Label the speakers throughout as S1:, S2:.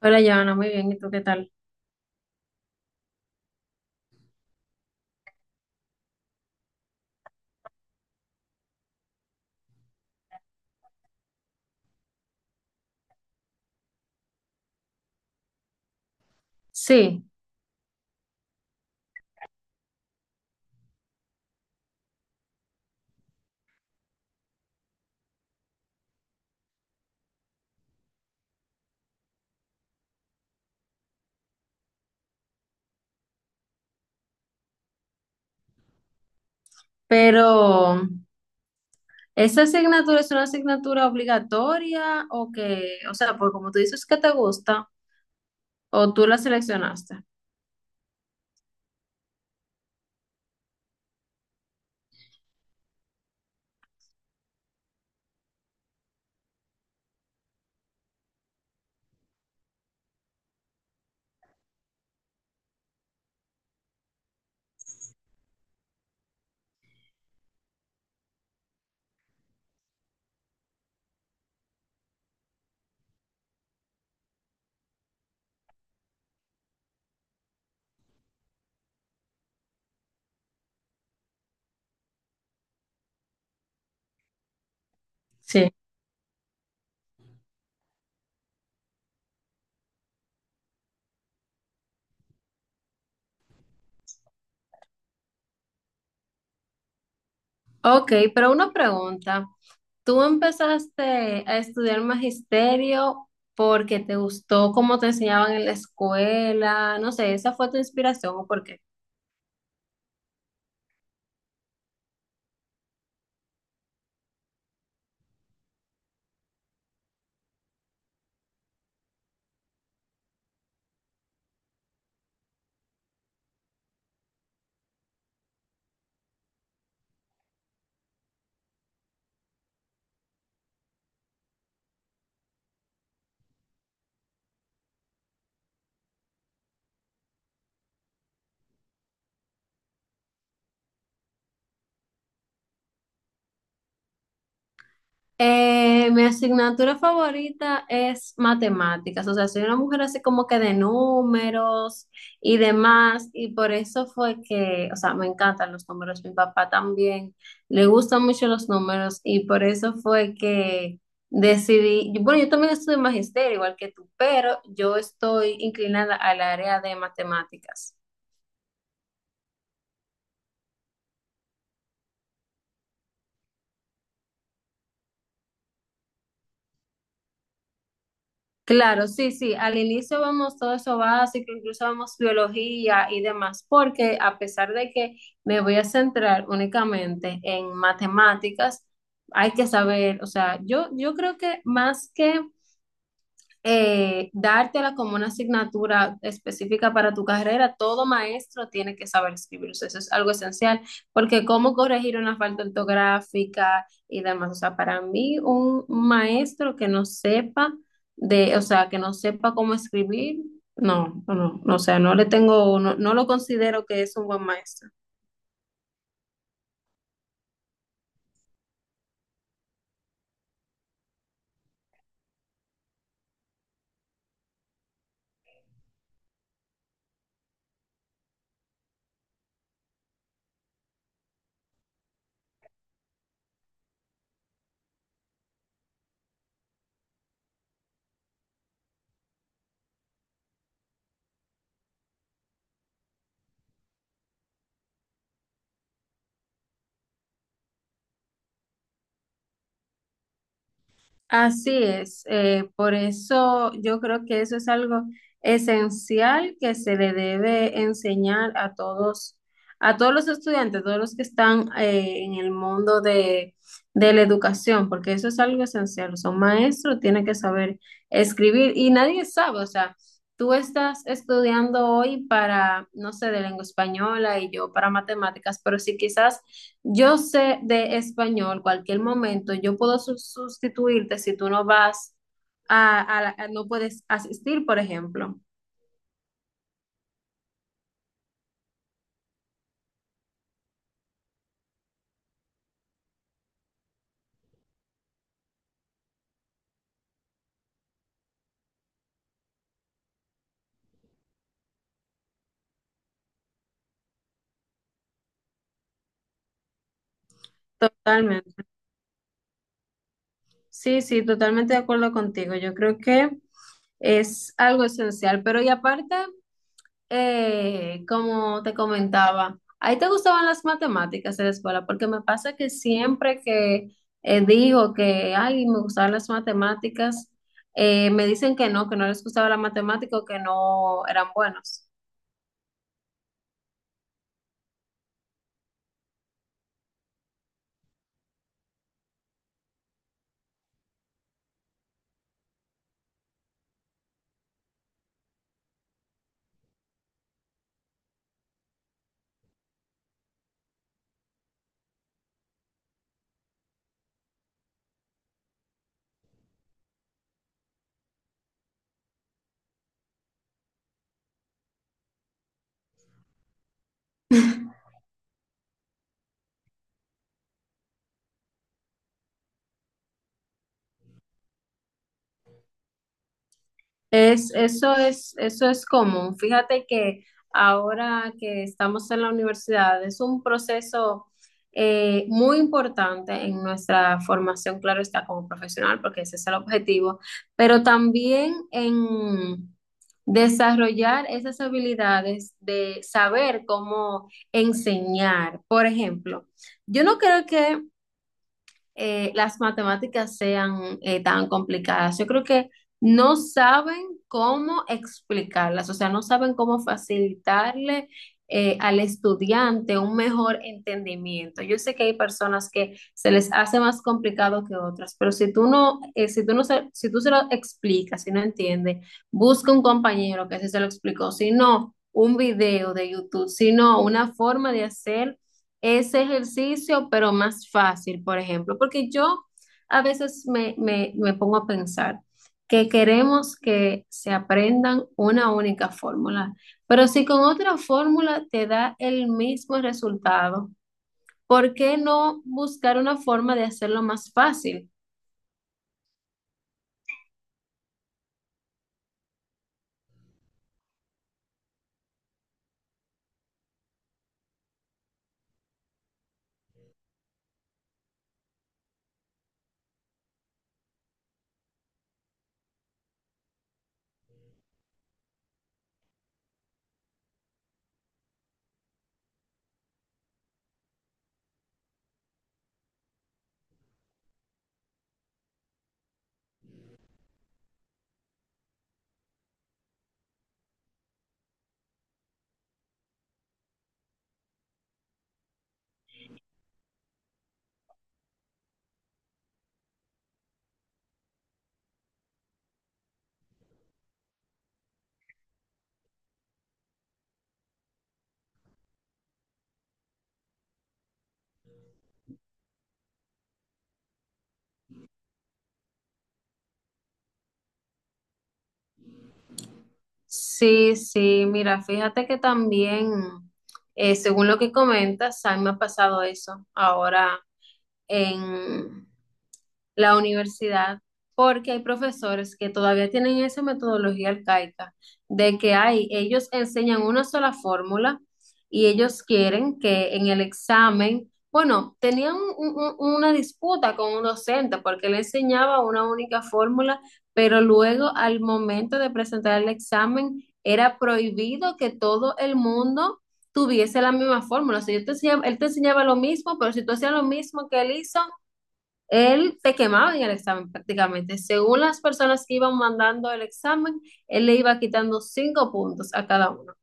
S1: Hola, Joana, muy bien. ¿Y tú qué tal? Sí, pero ¿esa asignatura es una asignatura obligatoria o sea, pues como tú dices que te gusta o tú la seleccionaste? Sí. Ok, pero una pregunta. ¿Tú empezaste a estudiar magisterio porque te gustó cómo te enseñaban en la escuela? No sé, ¿esa fue tu inspiración o por qué? Mi asignatura favorita es matemáticas, o sea, soy una mujer así como que de números y demás, y por eso fue que, o sea, me encantan los números, mi papá también le gustan mucho los números y por eso fue que decidí, bueno, yo también estudio magisterio igual que tú, pero yo estoy inclinada al área de matemáticas. Claro, sí, sí. Al inicio vemos todo eso básico, incluso vemos biología y demás, porque a pesar de que me voy a centrar únicamente en matemáticas, hay que saber, o sea, yo creo que más que dártela como una asignatura específica para tu carrera, todo maestro tiene que saber escribir, o sea, eso es algo esencial, porque cómo corregir una falta ortográfica y demás, o sea, para mí un maestro que no sepa de, o sea, que no sepa cómo escribir, no, no, no, o sea, no le tengo, no, no lo considero que es un buen maestro. Así es, por eso yo creo que eso es algo esencial que se le debe enseñar a todos los estudiantes, todos los que están en el mundo de la educación, porque eso es algo esencial. Son maestros, tienen que saber escribir y nadie sabe, o sea, tú estás estudiando hoy para, no sé, de lengua española y yo para matemáticas, pero si quizás... Yo sé de español, cualquier momento yo puedo sustituirte si tú no vas a, no puedes asistir, por ejemplo. Totalmente. Sí, sí, totalmente de acuerdo contigo. Yo creo que es algo esencial, pero y aparte. Como te comentaba, ¿ahí te gustaban las matemáticas en la escuela? Porque me pasa que siempre que digo que, ay, me gustaban las matemáticas, me dicen que no les gustaba la matemática o que no eran buenos. Eso es común. Fíjate que ahora que estamos en la universidad es un proceso muy importante en nuestra formación, claro está, como profesional, porque ese es el objetivo, pero también en desarrollar esas habilidades de saber cómo enseñar. Por ejemplo, yo no creo que las matemáticas sean tan complicadas. Yo creo que no saben cómo explicarlas, o sea, no saben cómo facilitarle al estudiante un mejor entendimiento. Yo sé que hay personas que se les hace más complicado que otras, pero si tú no, si tú se lo explicas, si no entiende, busca un compañero que sí se lo explicó, si no, un video de YouTube, si no, una forma de hacer ese ejercicio, pero más fácil, por ejemplo, porque yo a veces me pongo a pensar que queremos que se aprendan una única fórmula, pero si con otra fórmula te da el mismo resultado, ¿por qué no buscar una forma de hacerlo más fácil? Sí, sí, mira, fíjate que también, según lo que comentas, a mí me ha pasado eso ahora en la universidad, porque hay profesores que todavía tienen esa metodología arcaica de que hay, ellos enseñan una sola fórmula y ellos quieren que en el examen, bueno, tenían una disputa con un docente porque le enseñaba una única fórmula, pero luego al momento de presentar el examen era prohibido que todo el mundo tuviese la misma fórmula. O sea, él te enseñaba lo mismo, pero si tú hacías lo mismo que él hizo, él te quemaba en el examen prácticamente. Según las personas que iban mandando el examen, él le iba quitando 5 puntos a cada uno.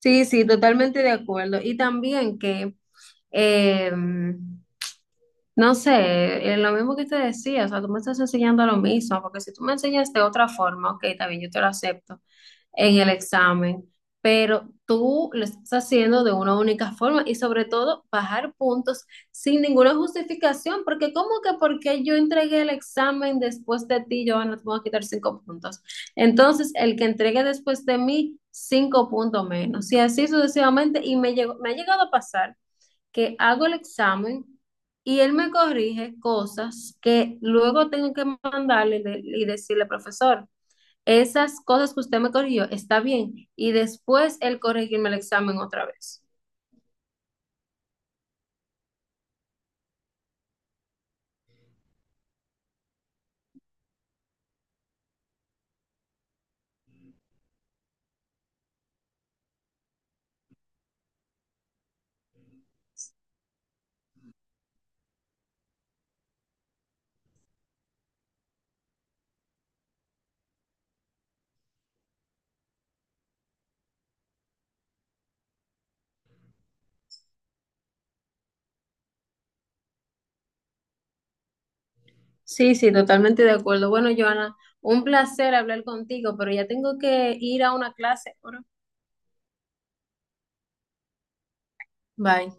S1: Sí, sí, totalmente de acuerdo. Y también que, eh, no sé, lo mismo que te decía, o sea, tú me estás enseñando lo mismo, porque si tú me enseñas de otra forma, ok, también yo te lo acepto, en el examen, pero tú lo estás haciendo de una única forma y sobre todo bajar puntos sin ninguna justificación, porque ¿cómo que porque yo entregué el examen después de ti, yo no te voy a quitar 5 puntos? Entonces, el que entregue después de mí, 5 puntos menos, y así sucesivamente, y me ha llegado a pasar que hago el examen. Y él me corrige cosas que luego tengo que mandarle y decirle, profesor, esas cosas que usted me corrigió, está bien. Y después él corregirme el examen otra vez. Sí, sí, totalmente de acuerdo. Bueno, Joana, un placer hablar contigo, pero ya tengo que ir a una clase ahora. Bye.